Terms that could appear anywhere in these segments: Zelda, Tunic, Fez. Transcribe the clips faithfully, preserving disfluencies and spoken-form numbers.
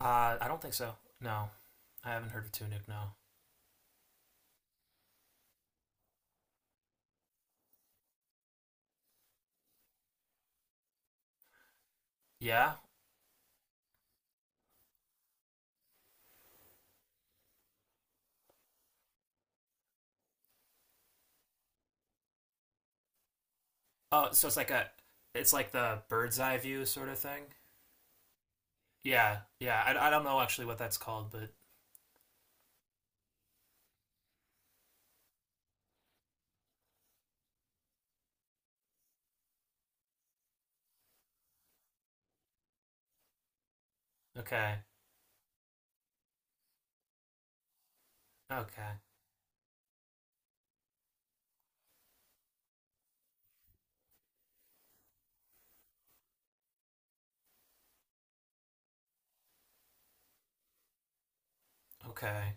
Uh, I don't think so. No, I haven't heard of Tunic. No. Yeah. Oh, so it's like a, it's like the bird's eye view sort of thing. Yeah. Yeah. I, I don't know actually what that's called, but okay. Okay. Okay.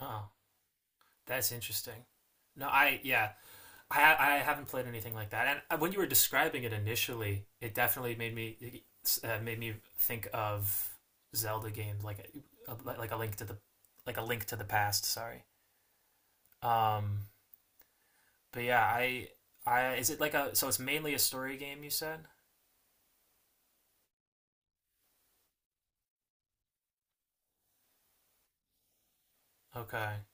Oh, that's interesting. No, I yeah, I I haven't played anything like that. And uh, when you were describing it initially, it definitely made me uh, made me think of Zelda games like a, like a link to the like a link to the past. Sorry. Um, But yeah, I I is it like a so it's mainly a story game you said? Okay.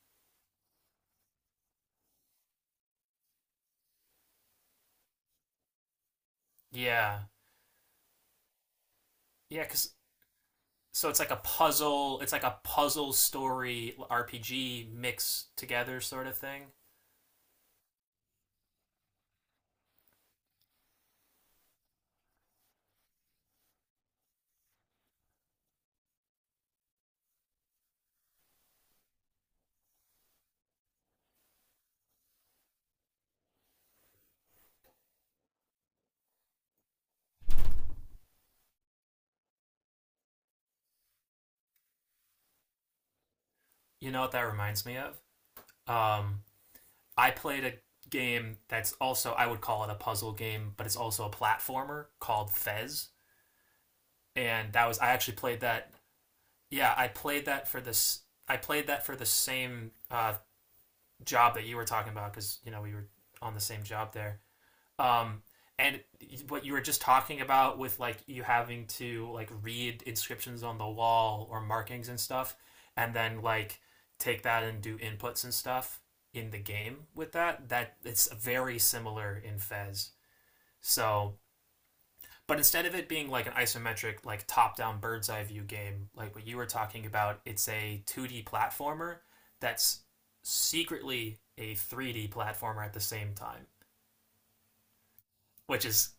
Yeah. Yeah, cuz so it's like a puzzle, it's like a puzzle story R P G mixed together sort of thing. You know what that reminds me of? Um I played a game that's also I would call it a puzzle game, but it's also a platformer called Fez, and that was I actually played that. Yeah, I played that for this. I played that for the same uh, job that you were talking about, because you know we were on the same job there. Um, and what you were just talking about with like you having to like read inscriptions on the wall or markings and stuff, and then like take that and do inputs and stuff in the game with that. That it's very similar in Fez. So, but instead of it being like an isometric, like top-down bird's eye view game, like what you were talking about, it's a two D platformer that's secretly a three D platformer at the same time. Which is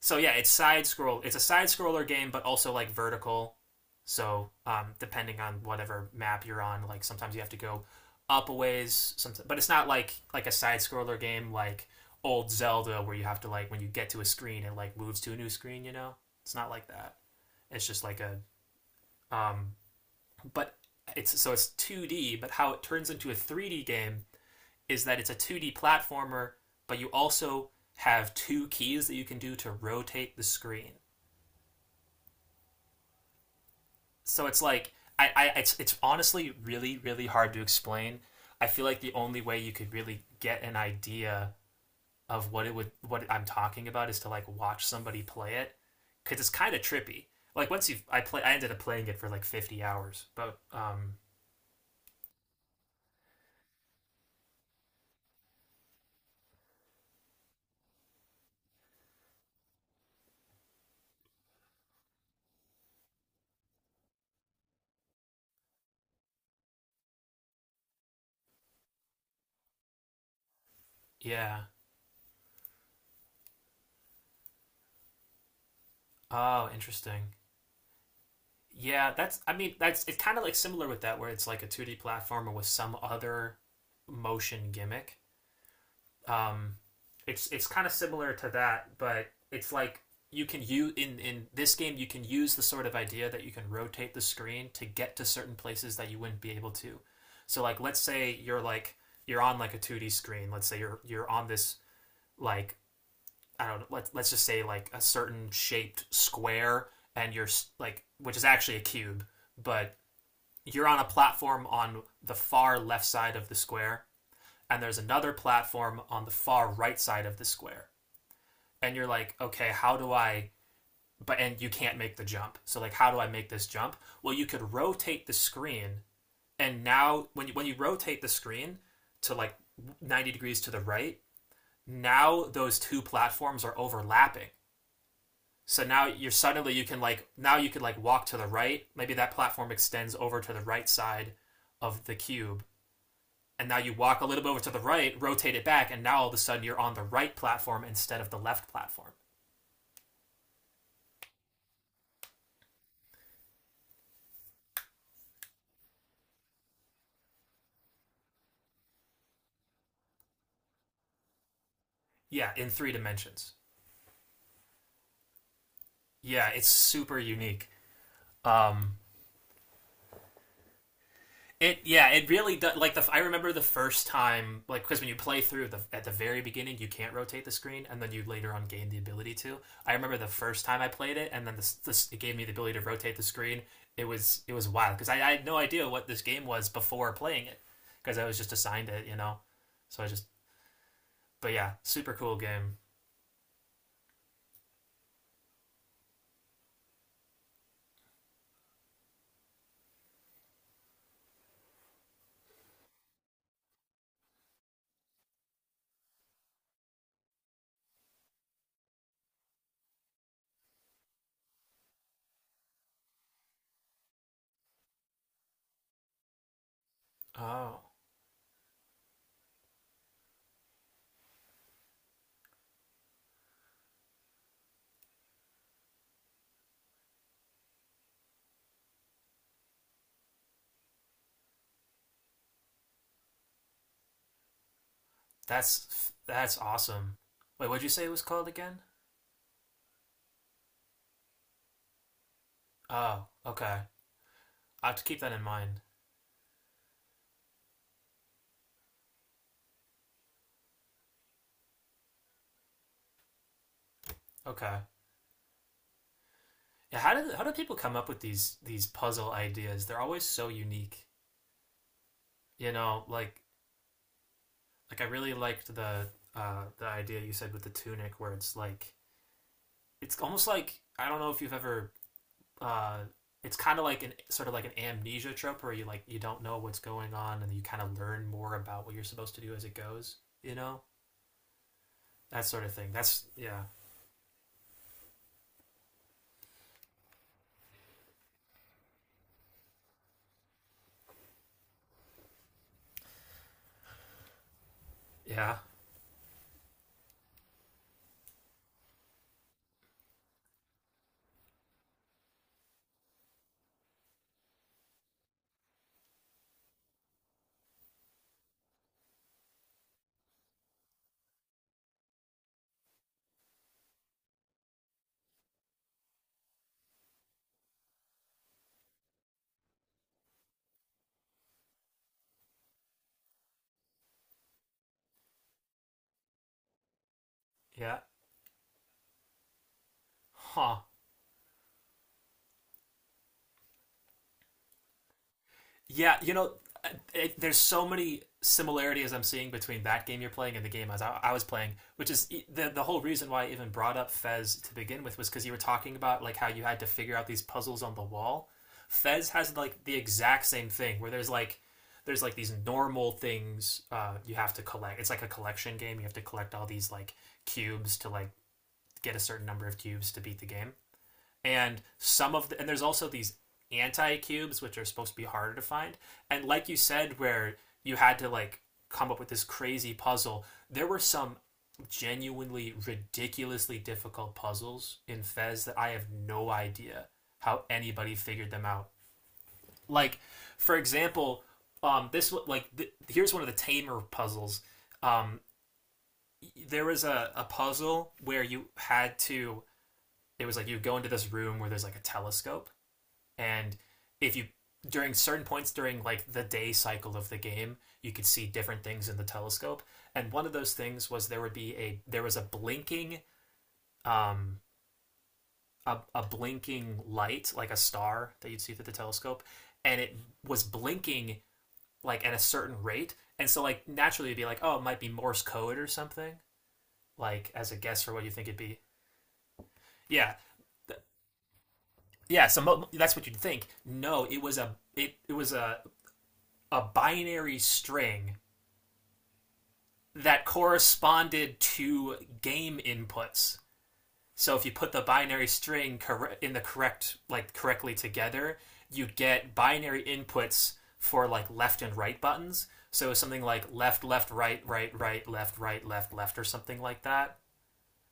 So yeah, it's side scroll. It's a side scroller game, but also like vertical. So um, depending on whatever map you're on, like sometimes you have to go up a ways. Sometimes, but it's not like like a side scroller game like old Zelda where you have to like when you get to a screen it like moves to a new screen. You know, it's not like that. It's just like a um, but it's so it's two D. But how it turns into a three D game is that it's a two D platformer, but you also have two keys that you can do to rotate the screen. So it's like I, I it's it's honestly really really hard to explain. I feel like the only way you could really get an idea of what it would what I'm talking about is to like watch somebody play it, because it's kind of trippy. Like once you I play I ended up playing it for like fifty hours, but um yeah. Oh, interesting. Yeah, that's I mean that's it's kind of like similar with that where it's like a two D platformer with some other motion gimmick. Um, it's it's kind of similar to that, but it's like you can use in in this game you can use the sort of idea that you can rotate the screen to get to certain places that you wouldn't be able to. So like let's say you're like you're on like a two D screen. Let's say you're you're on this like I don't know, let's let's just say like a certain shaped square and you're like, which is actually a cube, but you're on a platform on the far left side of the square and there's another platform on the far right side of the square. And you're like, okay, how do I, but and you can't make the jump. So like how do I make this jump? Well, you could rotate the screen, and now when you when you rotate the screen to like ninety degrees to the right, now those two platforms are overlapping. So now you're suddenly you can like now you could like walk to the right. Maybe that platform extends over to the right side of the cube, and now you walk a little bit over to the right, rotate it back, and now all of a sudden you're on the right platform instead of the left platform. Yeah, in three dimensions. Yeah, it's super unique. Um, it yeah, it really does. Like the I remember the first time, like because when you play through the at the very beginning, you can't rotate the screen, and then you later on gain the ability to. I remember the first time I played it, and then this, this it gave me the ability to rotate the screen. It was it was wild because I, I had no idea what this game was before playing it, because I was just assigned it, you know. So I just, but yeah, super cool game. Oh, that's that's awesome. Wait, what'd you say it was called again? Oh, okay. I have to keep that in mind. Okay. Yeah, how do how do people come up with these these puzzle ideas? They're always so unique. You know, like like I really liked the uh, the idea you said with the tunic, where it's like it's almost like I don't know if you've ever. Uh, it's kind of like an sort of like an amnesia trope where you like you don't know what's going on and you kind of learn more about what you're supposed to do as it goes. You know, that sort of thing. That's yeah, yeah, yeah, huh? Yeah, you know, it, there's so many similarities I'm seeing between that game you're playing and the game I was, I was playing, which is e- the the whole reason why I even brought up Fez to begin with was because you were talking about like how you had to figure out these puzzles on the wall. Fez has like the exact same thing where there's like there's like these normal things uh, you have to collect. It's like a collection game. You have to collect all these like cubes to like get a certain number of cubes to beat the game. And some of the, and there's also these anti cubes, which are supposed to be harder to find. And like you said, where you had to like come up with this crazy puzzle, there were some genuinely ridiculously difficult puzzles in Fez that I have no idea how anybody figured them out. Like, for example, um, this like th- here's one of the tamer puzzles. Um, there was a, a puzzle where you had to. It was like you go into this room where there's like a telescope, and if you during certain points during like the day cycle of the game you could see different things in the telescope, and one of those things was there would be a there was a blinking um a, a blinking light like a star that you'd see through the telescope, and it was blinking like at a certain rate, and so like naturally you'd be like, oh, it might be morse code or something, like as a guess for what you think it'd be. Yeah. Yeah, so mo- that's what you'd think. No, it was a it, it was a a binary string that corresponded to game inputs. So if you put the binary string corre- in the correct, like correctly together, you'd get binary inputs for like left and right buttons. So something like left, left, right, right, right, left, right, left, left, or something like that.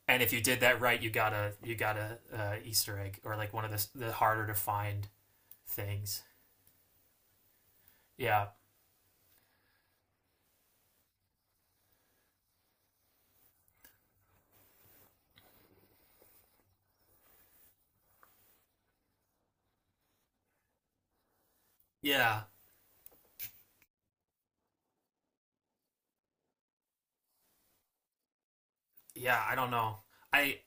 And if you did that right, you got a you got a uh, Easter egg or like one of the the harder to find things. Yeah, yeah, yeah. I don't know. I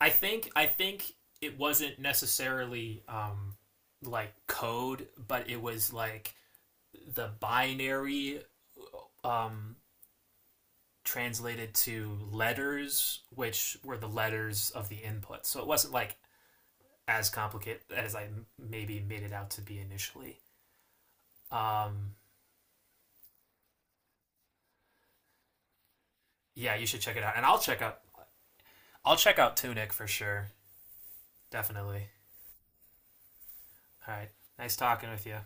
I think I think it wasn't necessarily um, like code, but it was like the binary um, translated to letters, which were the letters of the input. So it wasn't like as complicated as I maybe made it out to be initially. Um, yeah, you should check it out, and I'll check out. I'll check out Tunic for sure, definitely. All right, nice talking with you.